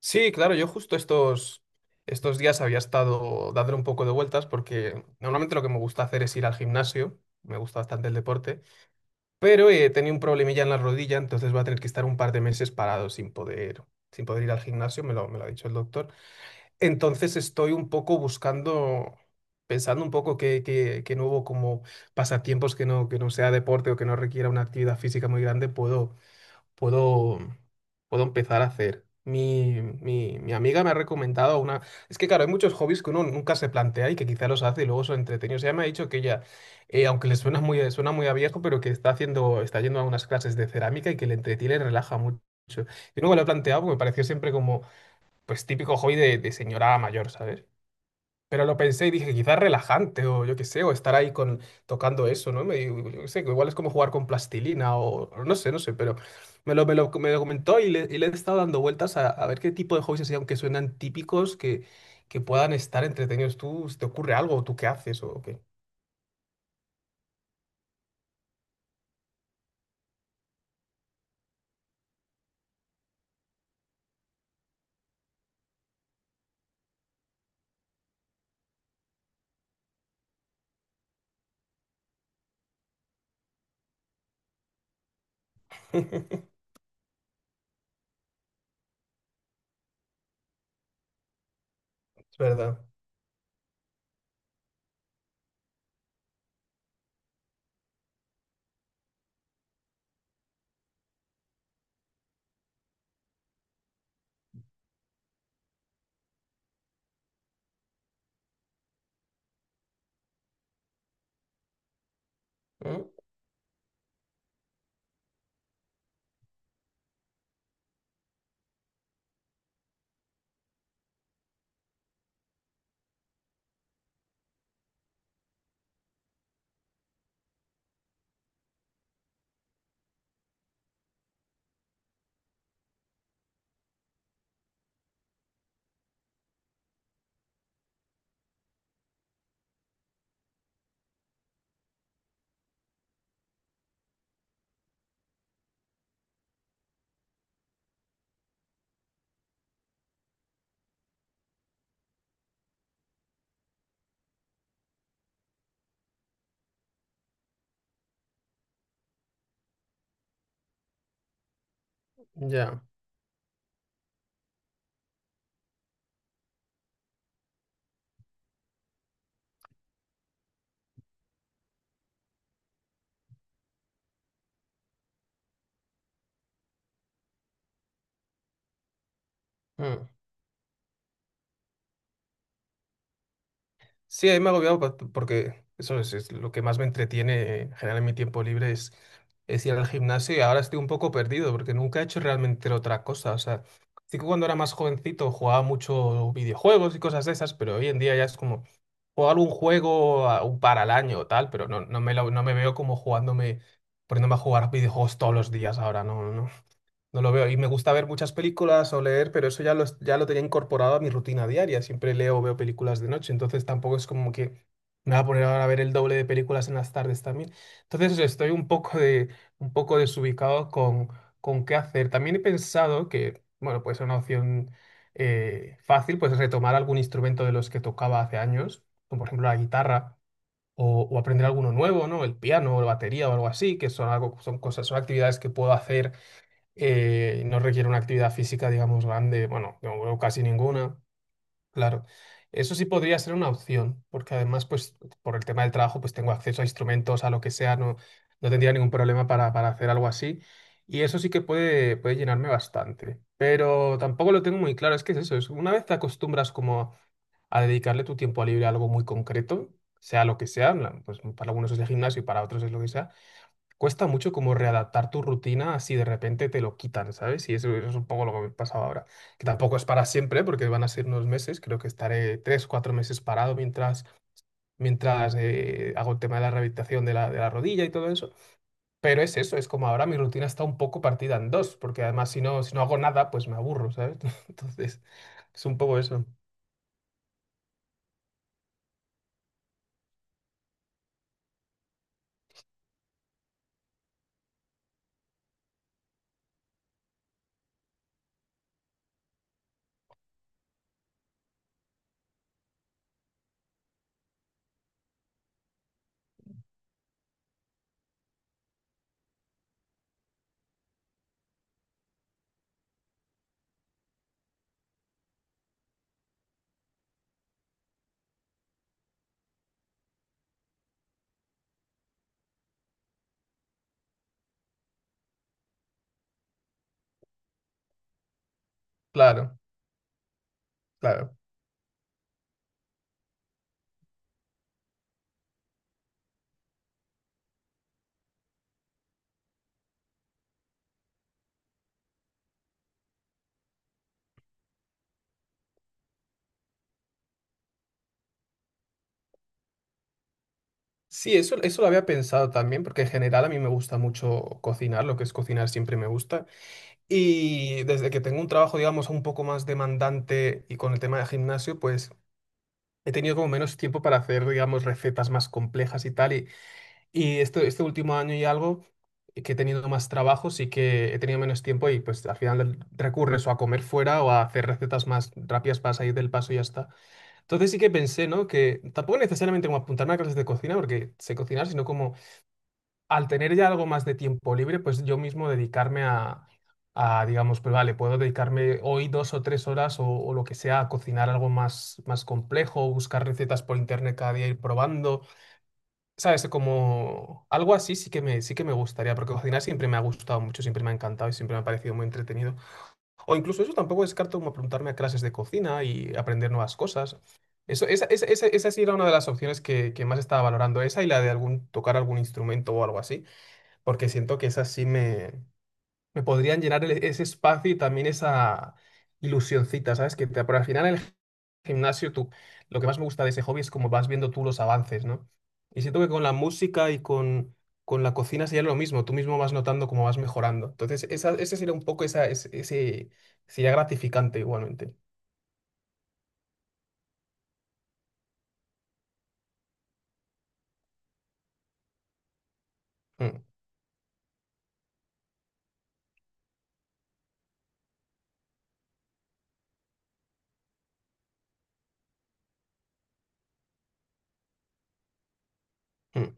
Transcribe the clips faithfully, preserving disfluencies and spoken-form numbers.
Sí, claro, yo justo estos, estos días había estado dándole un poco de vueltas porque normalmente lo que me gusta hacer es ir al gimnasio, me gusta bastante el deporte, pero eh, tenía un problemilla en la rodilla, entonces voy a tener que estar un par de meses parado sin poder, sin poder ir al gimnasio, me lo, me lo ha dicho el doctor. Entonces estoy un poco buscando, pensando un poco qué, qué, qué nuevo como pasatiempos que no, que no sea deporte o que no requiera una actividad física muy grande puedo puedo, puedo empezar a hacer. Mi, mi, mi amiga me ha recomendado una... Es que claro, hay muchos hobbies que uno nunca se plantea y que quizá los hace y luego son entretenidos. Ella me ha dicho que ella, eh, aunque le suena muy, suena muy a viejo, pero que está haciendo, está yendo a unas clases de cerámica y que le entretiene y relaja mucho. Yo no me lo he planteado porque me pareció siempre como, pues, típico hobby de, de señora mayor, ¿sabes? Pero lo pensé y dije, quizás relajante o yo qué sé, o estar ahí con, tocando eso, ¿no? Me, yo qué sé, que igual es como jugar con plastilina o o no sé, no sé, pero me lo, me lo, me lo comentó y le, y le he estado dando vueltas a, a ver qué tipo de hobbies así, aunque suenan típicos, que, que puedan estar entretenidos. ¿Tú, se te ocurre algo o tú qué haces o qué? Es verdad. Mm. Ya. Mm. Sí, ahí me ha pa- porque eso es, es lo que más me entretiene en general en mi tiempo libre es, es ir al gimnasio y ahora estoy un poco perdido porque nunca he hecho realmente otra cosa. O sea, sí que cuando era más jovencito jugaba mucho videojuegos y cosas de esas, pero hoy en día ya es como jugar un juego a- un par al año o tal, pero no, no me, lo- no me veo como jugándome, poniéndome a jugar videojuegos todos los días ahora, no, no. No lo veo. Y me gusta ver muchas películas o leer, pero eso ya lo, es- ya lo tenía incorporado a mi rutina diaria. Siempre leo o veo películas de noche, entonces tampoco es como que me va a poner ahora a ver el doble de películas en las tardes también. Entonces estoy un poco de, un poco desubicado con, con qué hacer. También he pensado que, bueno, pues una opción eh, fácil, pues retomar algún instrumento de los que tocaba hace años, como por ejemplo la guitarra. O, o aprender alguno nuevo, ¿no? El piano o la batería o algo así, que son algo, son cosas, son actividades que puedo hacer eh, no requiere una actividad física, digamos, grande, bueno, no veo casi ninguna, claro. Eso sí podría ser una opción, porque además, pues, por el tema del trabajo, pues tengo acceso a instrumentos, a lo que sea, no, no tendría ningún problema para, para hacer algo así. Y eso sí que puede, puede llenarme bastante. Pero tampoco lo tengo muy claro, es que es eso, es una vez te acostumbras como a dedicarle tu tiempo libre a algo muy concreto, sea lo que sea, en plan, pues para algunos es el gimnasio y para otros es lo que sea, cuesta mucho como readaptar tu rutina si de repente te lo quitan, ¿sabes? Y eso es un poco lo que me pasaba ahora. Que tampoco es para siempre, porque van a ser unos meses, creo que estaré tres, cuatro meses parado mientras, mientras eh, hago el tema de la rehabilitación de la, de la rodilla y todo eso. Pero es eso, es como ahora mi rutina está un poco partida en dos, porque además si no, si no hago nada, pues me aburro, ¿sabes? Entonces, es un poco eso. Claro, claro. Sí, eso, eso lo había pensado también, porque en general a mí me gusta mucho cocinar, lo que es cocinar siempre me gusta. Y desde que tengo un trabajo, digamos, un poco más demandante y con el tema de gimnasio, pues he tenido como menos tiempo para hacer, digamos, recetas más complejas y tal. Y, y este, este último año y algo eh, que he tenido más trabajo, sí que he tenido menos tiempo y pues al final recurres o a comer fuera o a hacer recetas más rápidas para salir del paso y ya está. Entonces sí que pensé, ¿no? Que tampoco necesariamente como apuntarme a clases de cocina, porque sé cocinar, sino como al tener ya algo más de tiempo libre, pues yo mismo dedicarme a, a, digamos, pues vale, puedo dedicarme hoy dos o tres horas o, o lo que sea a cocinar algo más, más complejo, buscar recetas por internet cada día, ir probando, ¿sabes? Como algo así sí que me, sí que me gustaría, porque cocinar siempre me ha gustado mucho, siempre me ha encantado y siempre me ha parecido muy entretenido. O incluso eso tampoco descarto como apuntarme a clases de cocina y aprender nuevas cosas. Eso, esa, esa, esa, esa sí era una de las opciones que, que más estaba valorando, esa y la de algún, tocar algún instrumento o algo así, porque siento que esas sí me, me podrían llenar el- ese espacio y también esa ilusioncita, ¿sabes? Que te, por al final el gimnasio, tú, lo que más me gusta de ese hobby es como vas viendo tú los avances, ¿no? Y siento que con la música y con, con la cocina sería lo mismo, tú mismo vas notando cómo vas mejorando. Entonces, esa, ese sería un poco esa, ese, ese- sería gratificante igualmente. Mm, mm.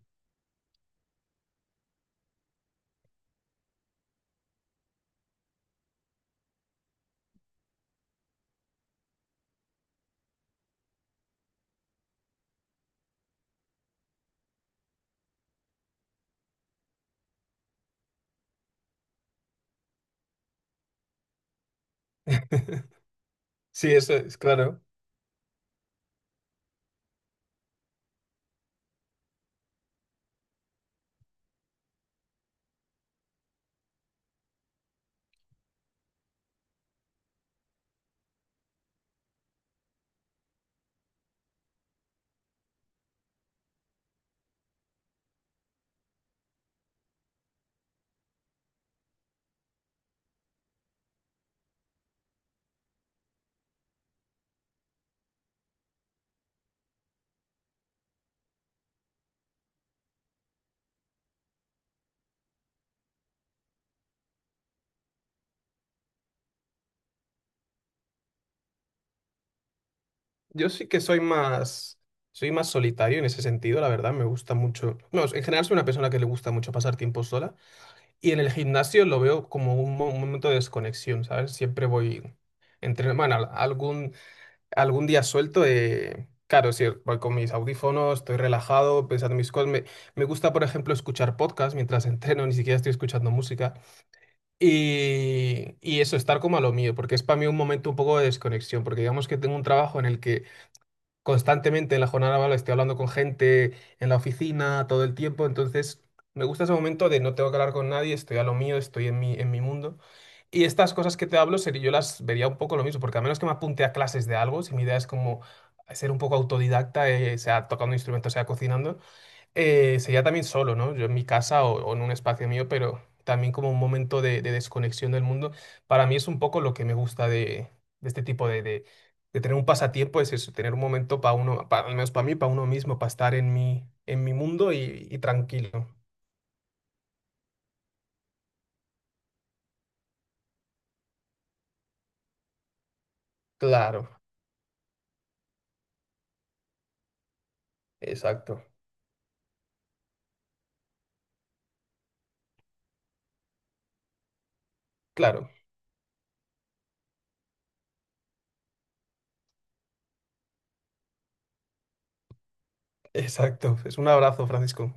Sí, eso es, claro. Yo sí que soy más, soy más solitario en ese sentido, la verdad, me gusta mucho. No, en general soy una persona que le gusta mucho pasar tiempo sola y en el gimnasio lo veo como un, mo- un momento de desconexión, ¿sabes? Siempre voy entre, bueno, al- algún, algún día suelto, eh, claro, sí, voy con mis audífonos, estoy relajado, pensando en mis cosas. Me, me gusta, por ejemplo, escuchar podcast mientras entreno, ni siquiera estoy escuchando música. Y, y eso, estar como a lo mío, porque es para mí un momento un poco de desconexión, porque digamos que tengo un trabajo en el que constantemente en la jornada laboral estoy hablando con gente en la oficina todo el tiempo, entonces me gusta ese momento de no tengo que hablar con nadie, estoy a lo mío, estoy en mi, en mi mundo. Y estas cosas que te hablo, sería, yo las vería un poco lo mismo, porque a menos que me apunte a clases de algo, si mi idea es como ser un poco autodidacta, eh, sea tocando instrumentos, sea cocinando, eh, sería también solo, ¿no? Yo en mi casa o, o en un espacio mío, pero también como un momento de, de desconexión del mundo. Para mí es un poco lo que me gusta de, de este tipo de, de, de tener un pasatiempo, es eso, tener un momento para uno, pa- al menos para mí, para uno mismo, para estar en mi, en mi mundo y, y tranquilo. Claro, exacto, claro, exacto. Es un abrazo, Francisco.